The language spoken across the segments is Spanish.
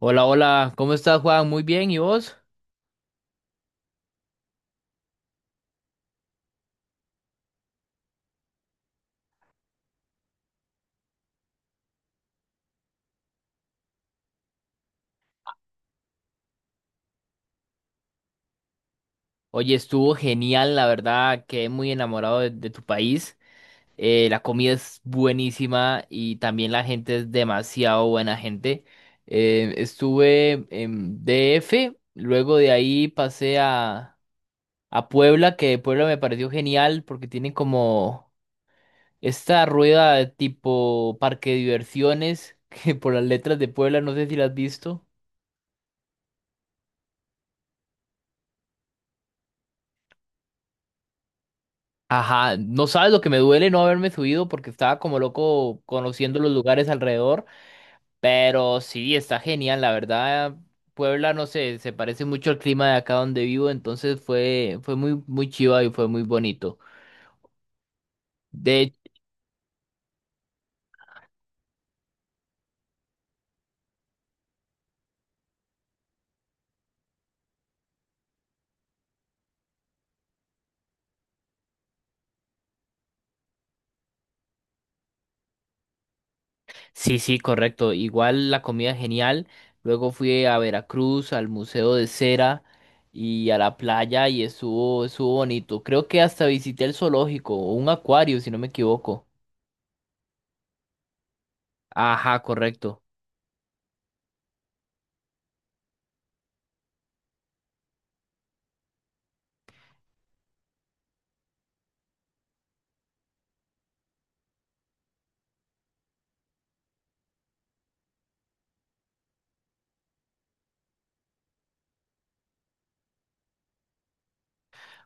Hola, hola, ¿cómo estás, Juan? Muy bien, ¿y vos? Oye, estuvo genial, la verdad, quedé muy enamorado de tu país. La comida es buenísima y también la gente es demasiado buena gente. Estuve en DF, luego de ahí pasé a Puebla, que Puebla me pareció genial porque tienen como esta rueda de tipo parque de diversiones, que por las letras de Puebla, no sé si la has visto. Ajá, no sabes lo que me duele no haberme subido porque estaba como loco conociendo los lugares alrededor, pero sí, está genial, la verdad. Puebla, no sé, se parece mucho al clima de acá donde vivo, entonces fue muy, muy chiva y fue muy bonito. De, sí, sí, correcto. Igual la comida genial. Luego fui a Veracruz, al Museo de Cera y a la playa y estuvo bonito. Creo que hasta visité el zoológico o un acuario, si no me equivoco. Ajá, correcto.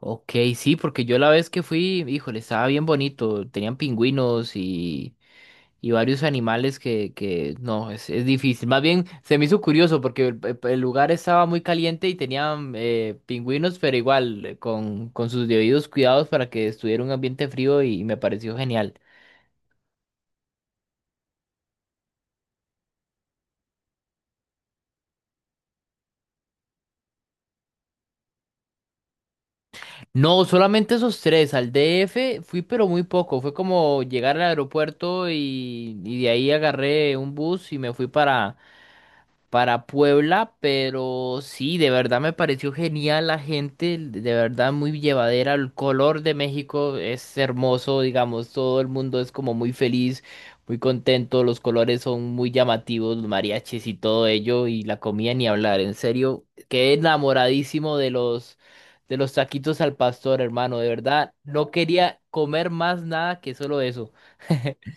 Ok, sí, porque yo la vez que fui, híjole, estaba bien bonito. Tenían pingüinos y varios animales que no, es difícil. Más bien se me hizo curioso porque el lugar estaba muy caliente y tenían pingüinos, pero igual con sus debidos cuidados para que estuviera un ambiente frío y me pareció genial. No, solamente esos tres. Al DF fui, pero muy poco. Fue como llegar al aeropuerto y de ahí agarré un bus y me fui para Puebla, pero sí, de verdad me pareció genial la gente, de verdad muy llevadera, el color de México es hermoso, digamos, todo el mundo es como muy feliz, muy contento, los colores son muy llamativos, los mariachis y todo ello, y la comida ni hablar, en serio, quedé enamoradísimo de los taquitos al pastor, hermano, de verdad, no quería comer más nada que solo eso.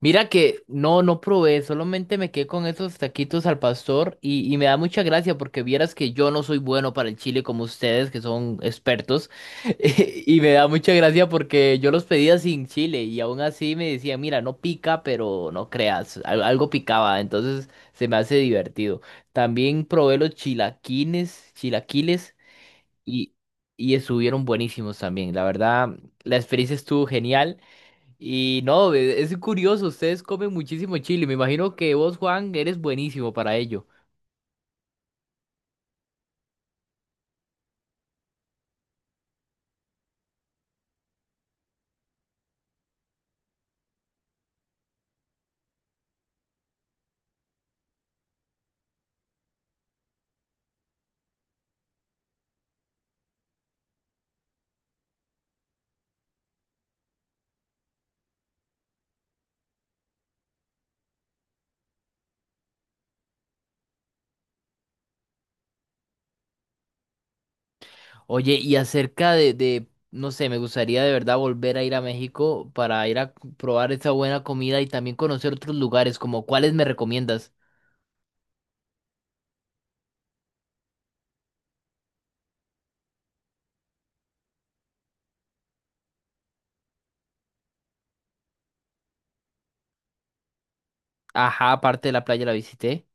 Mira que no, no probé, solamente me quedé con esos taquitos al pastor y me da mucha gracia porque vieras que yo no soy bueno para el chile como ustedes que son expertos y me da mucha gracia porque yo los pedía sin chile y aún así me decían, mira, no pica, pero no creas, algo picaba, entonces se me hace divertido. También probé los chilaquines, chilaquiles y, y estuvieron buenísimos también, la verdad, la experiencia estuvo genial. Y no, es curioso, ustedes comen muchísimo chile. Me imagino que vos, Juan, eres buenísimo para ello. Oye, y acerca no sé, me gustaría de verdad volver a ir a México para ir a probar esa buena comida y también conocer otros lugares, como cuáles me recomiendas. Ajá, aparte de la playa la visité.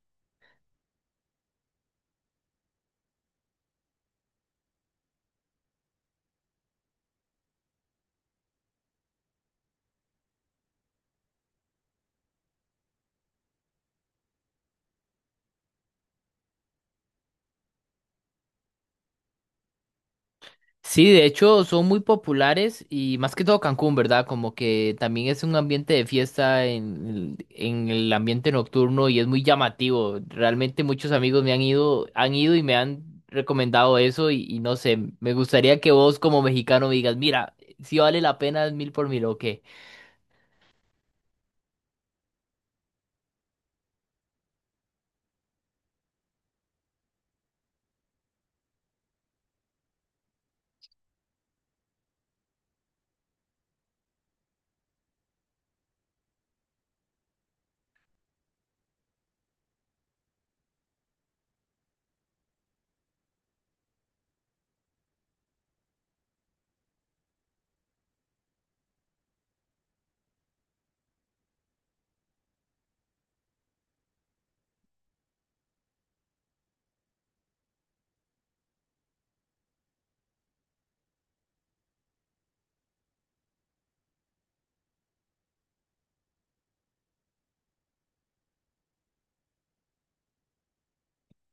Sí, de hecho son muy populares y más que todo Cancún, ¿verdad? Como que también es un ambiente de fiesta en el ambiente nocturno y es muy llamativo. Realmente muchos amigos me han ido y me han recomendado eso y no sé, me gustaría que vos como mexicano me digas, mira, si vale la pena es mil por mil o qué.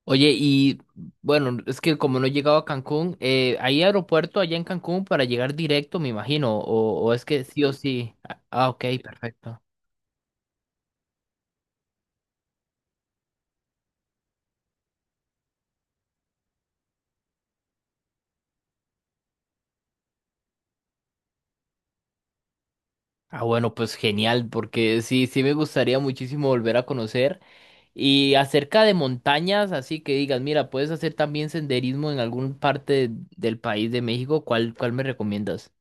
Oye, y bueno, es que como no he llegado a Cancún, ¿hay aeropuerto allá en Cancún para llegar directo, me imagino? O es que sí o sí? Ah, ok, perfecto. Ah, bueno, pues genial, porque sí, sí me gustaría muchísimo volver a conocer. Y acerca de montañas, así que digas, mira, puedes hacer también senderismo en alguna parte del país de México, ¿cuál, cuál me recomiendas?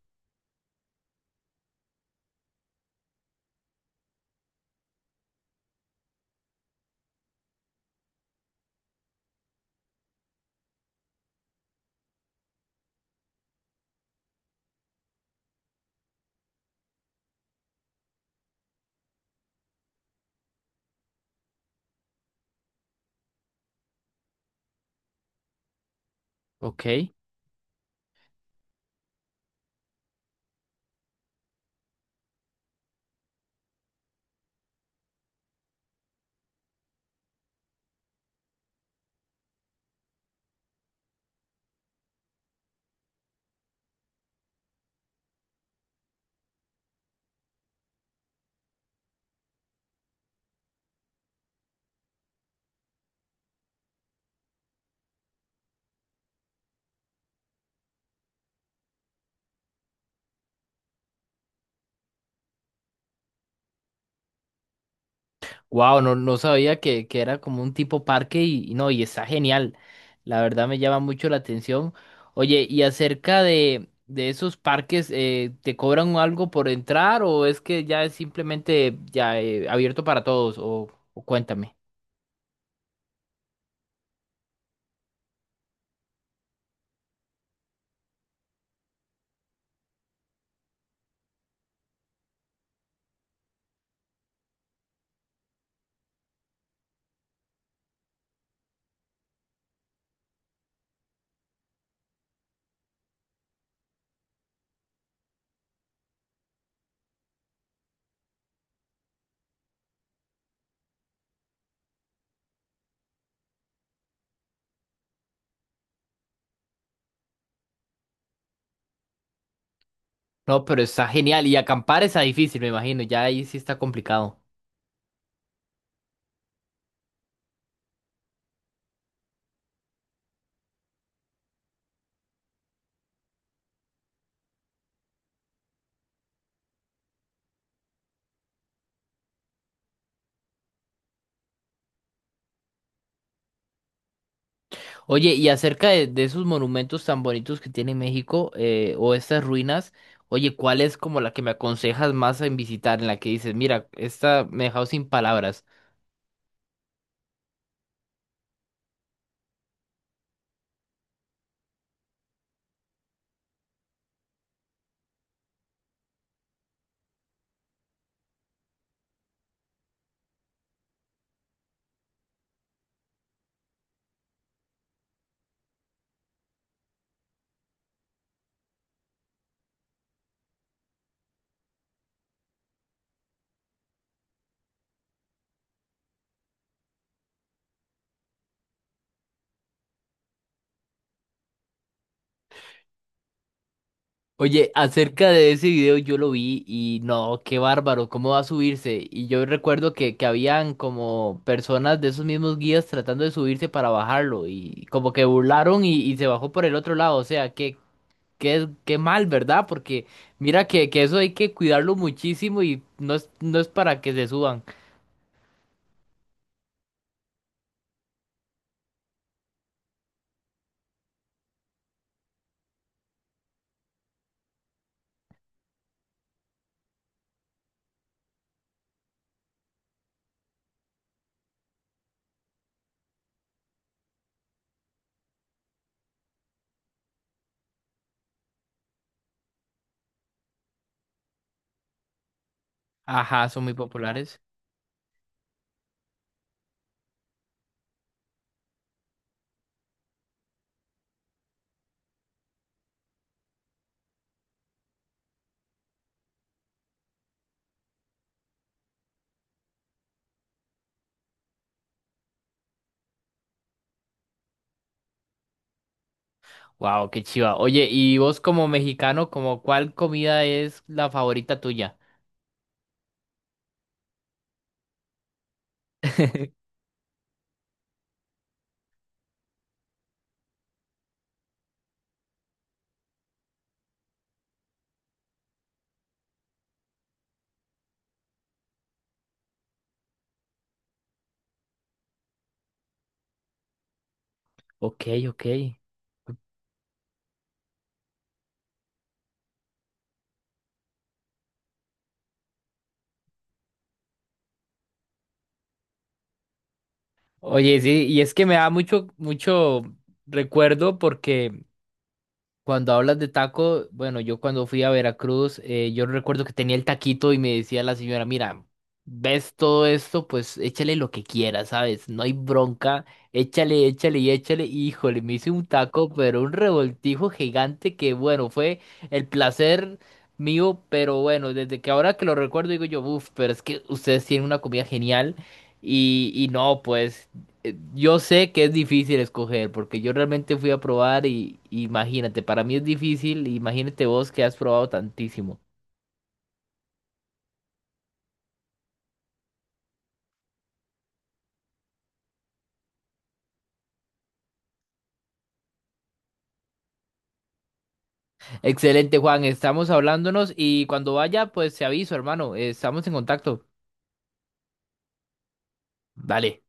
Ok. Wow, no, no sabía que era como un tipo parque y no, y está genial. La verdad me llama mucho la atención. Oye, y acerca de esos parques, ¿te cobran algo por entrar o es que ya es simplemente ya abierto para todos? O cuéntame. No, pero está genial. Y acampar está difícil, me imagino. Ya ahí sí está complicado. Oye, y acerca de esos monumentos tan bonitos que tiene México, o estas ruinas, oye, ¿cuál es como la que me aconsejas más en visitar? En la que dices, mira, esta me ha dejado sin palabras. Oye, acerca de ese video yo lo vi y no, qué bárbaro, ¿cómo va a subirse? Y yo recuerdo que habían como personas de esos mismos guías tratando de subirse para bajarlo y como que burlaron y se bajó por el otro lado. O sea, qué, qué mal, ¿verdad? Porque mira que eso hay que cuidarlo muchísimo y no es, no es para que se suban. Ajá, son muy populares. Wow, qué chiva. Oye, y vos como mexicano, ¿como cuál comida es la favorita tuya? Ok, ok. Oye, sí, y es que me da mucho, mucho recuerdo porque cuando hablas de taco, bueno, yo cuando fui a Veracruz, yo recuerdo que tenía el taquito y me decía la señora, mira, ves todo esto, pues échale lo que quieras, ¿sabes? No hay bronca, échale, échale y échale. Y, híjole, me hice un taco, pero un revoltijo gigante que, bueno, fue el placer mío, pero bueno, desde que ahora que lo recuerdo digo yo, uff, pero es que ustedes tienen una comida genial y no, pues yo sé que es difícil escoger, porque yo realmente fui a probar y imagínate, para mí es difícil, imagínate vos que has probado tantísimo. Excelente, Juan, estamos hablándonos y cuando vaya, pues te aviso, hermano, estamos en contacto. Vale.